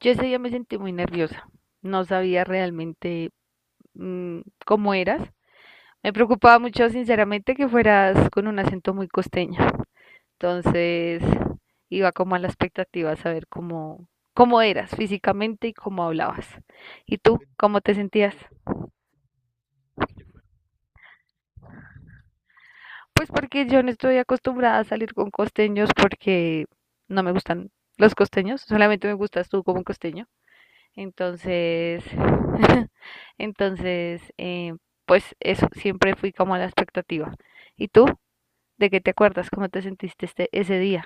Yo ese día me sentí muy nerviosa, no sabía realmente cómo eras. Me preocupaba mucho, sinceramente, que fueras con un acento muy costeño. Entonces, iba como a la expectativa a saber cómo eras físicamente y cómo hablabas. ¿Y tú, cómo te sentías? Pues porque yo no estoy acostumbrada a salir con costeños porque no me gustan los costeños, solamente me gustas tú como costeño. Entonces, entonces, pues eso, siempre fui como a la expectativa. ¿Y tú? ¿De qué te acuerdas? ¿Cómo te sentiste ese día?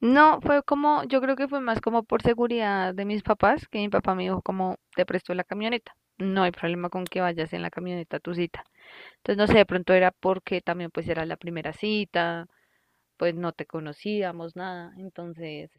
No, fue como, yo creo que fue más como por seguridad de mis papás, que mi papá me dijo como, te presto la camioneta. No hay problema con que vayas en la camioneta a tu cita. Entonces, no sé, de pronto era porque también pues era la primera cita, pues no te conocíamos nada. Entonces,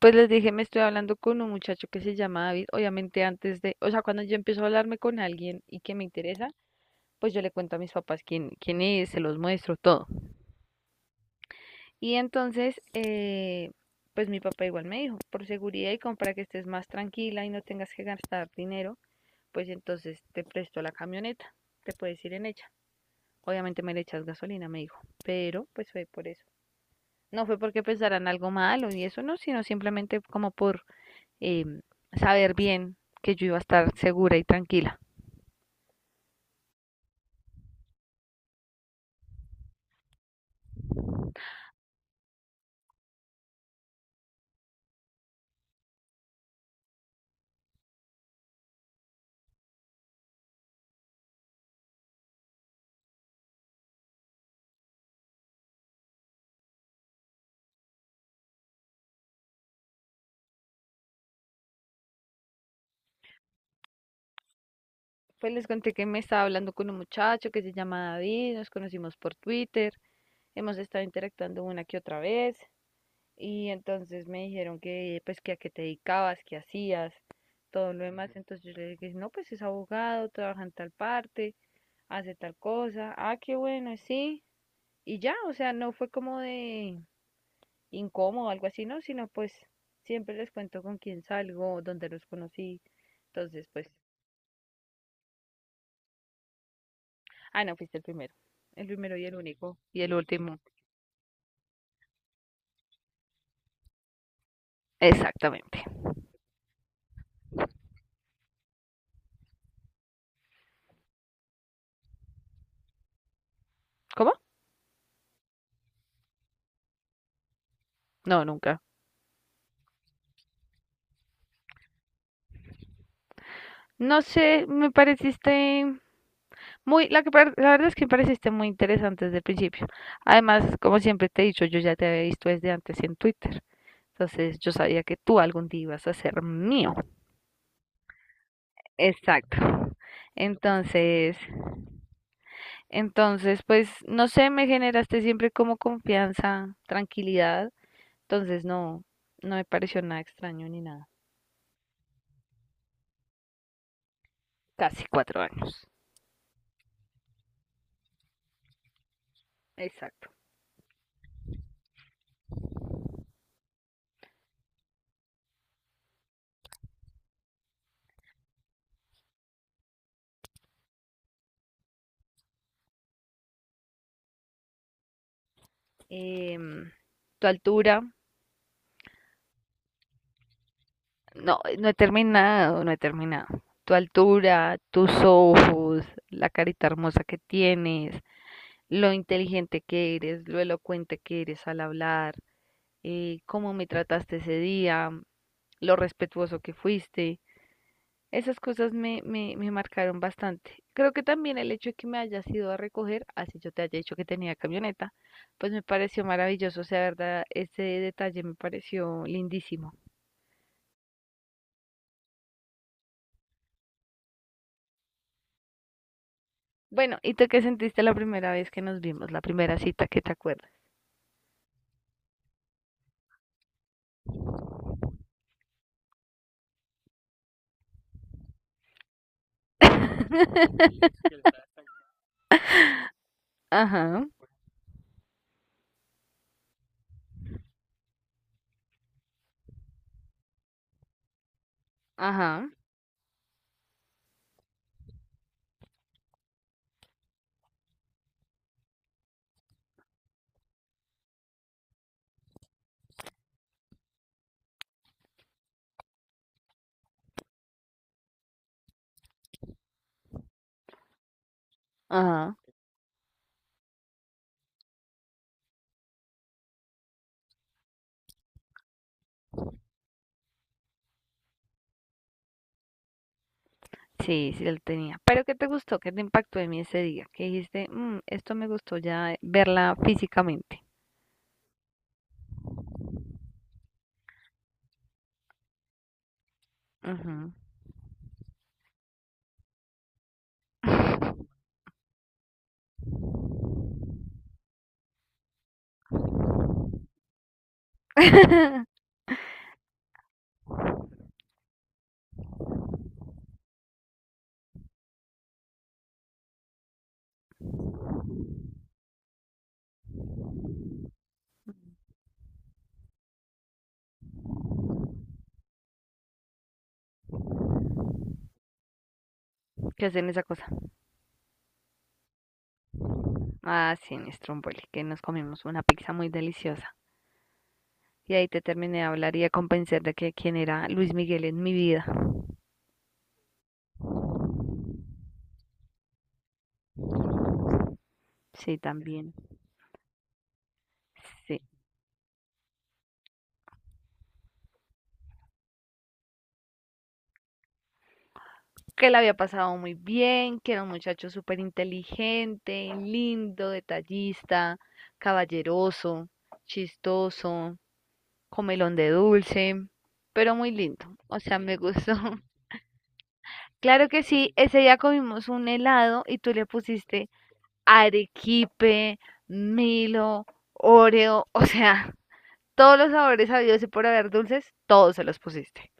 pues les dije, me estoy hablando con un muchacho que se llama David. Obviamente antes de, o sea, cuando yo empiezo a hablarme con alguien y que me interesa, pues yo le cuento a mis papás quién es, se los muestro todo. Y entonces, pues mi papá igual me dijo, por seguridad y como para que estés más tranquila y no tengas que gastar dinero, pues entonces te presto la camioneta, te puedes ir en ella. Obviamente me le echas gasolina, me dijo, pero pues fue por eso. No fue porque pensaran algo malo y eso no, sino simplemente como por eh, saber bien que yo iba a estar segura y tranquila. Pues les conté que me estaba hablando con un muchacho que se llama David, nos conocimos por Twitter, hemos estado interactuando una que otra vez y entonces me dijeron que pues que a qué te dedicabas, qué hacías, todo lo demás. Entonces yo le dije, no, pues es abogado, trabaja en tal parte, hace tal cosa, ah, qué bueno, sí. Y ya, o sea, no fue como de incómodo o algo así, no, sino pues siempre les cuento con quién salgo, dónde los conocí. Entonces, pues, ah, no, fuiste el primero. El primero y el único. Y el último. Exactamente. ¿Cómo? No, nunca. No sé, me pareciste muy, la verdad es que me pareciste muy interesante desde el principio. Además, como siempre te he dicho, yo ya te había visto desde antes en Twitter. Entonces, yo sabía que tú algún día ibas a ser mío. Exacto. Entonces, entonces, pues, no sé, me generaste siempre como confianza, tranquilidad. Entonces, no, no me pareció nada extraño ni nada. Casi cuatro años. Exacto. Em, Tu altura, no, no he terminado, no he terminado. Tu altura, tus ojos, la carita hermosa que tienes, lo inteligente que eres, lo elocuente que eres al hablar, cómo me trataste ese día, lo respetuoso que fuiste. Esas cosas me marcaron bastante. Creo que también el hecho de que me hayas ido a recoger, así yo te haya dicho que tenía camioneta, pues me pareció maravilloso. O sea, verdad, ese detalle me pareció lindísimo. Bueno, ¿y tú qué sentiste la primera vez que nos vimos? La primera cita que te acuerdas. Ajá, ajá, ajá. Sí, sí lo tenía. Pero ¿qué te gustó? ¿Qué te impactó en mí ese día? Que dijiste, "Mm, esto me gustó ya verla físicamente". Ujú. ¿Qué hacen esa cosa? Ah, sí, mi Stromboli, que nos comimos una pizza muy deliciosa. Y ahí te terminé de hablar y de convencer de que quién era Luis Miguel en mi vida. Sí, también. Sí. Que la había pasado muy bien, que era un muchacho súper inteligente, lindo, detallista, caballeroso, chistoso, comelón de dulce, pero muy lindo. O sea, me gustó. Claro que sí, ese día comimos un helado y tú le pusiste arequipe, Milo, Oreo, o sea, todos los sabores habidos y por haber dulces, todos se los pusiste.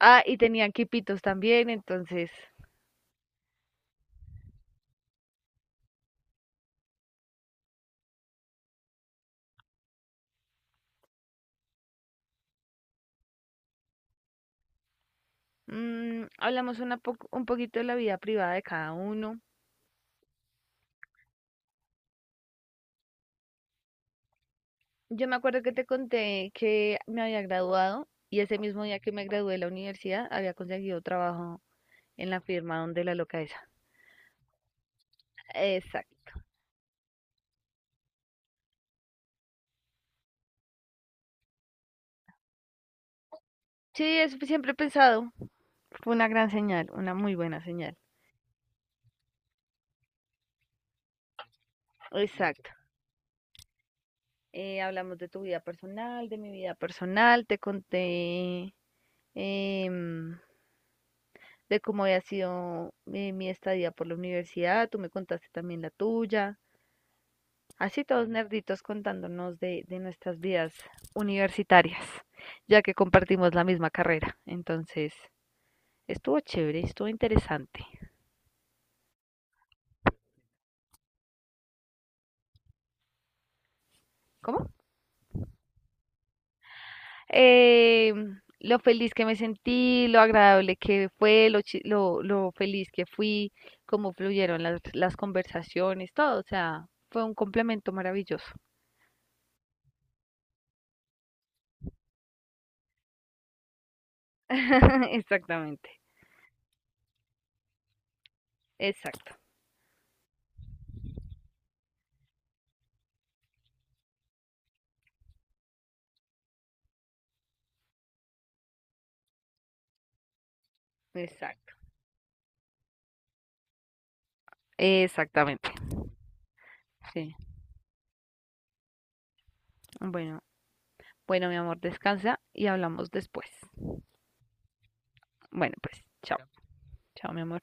Ah, y tenían quipitos también, entonces hablamos un poquito de la vida privada de cada uno. Yo me acuerdo que te conté que me había graduado y ese mismo día que me gradué de la universidad había conseguido trabajo en la firma donde la loca esa. Exacto. Sí, eso siempre he pensado. Fue una gran señal, una muy buena señal. Exacto. Hablamos de tu vida personal, de mi vida personal, te conté em, de cómo había sido mi estadía por la universidad, tú me contaste también la tuya, así todos nerditos contándonos de nuestras vidas universitarias, ya que compartimos la misma carrera, entonces estuvo chévere, estuvo interesante. ¿Cómo? eh, lo feliz que me sentí, lo agradable que fue, lo feliz que fui, cómo fluyeron las conversaciones, todo, o sea, fue un complemento maravilloso. Exactamente, exacto, exacto, exactamente. Sí, bueno, bueno, mi amor, descansa y hablamos después. Bueno, pues, chao, chao, mi amor.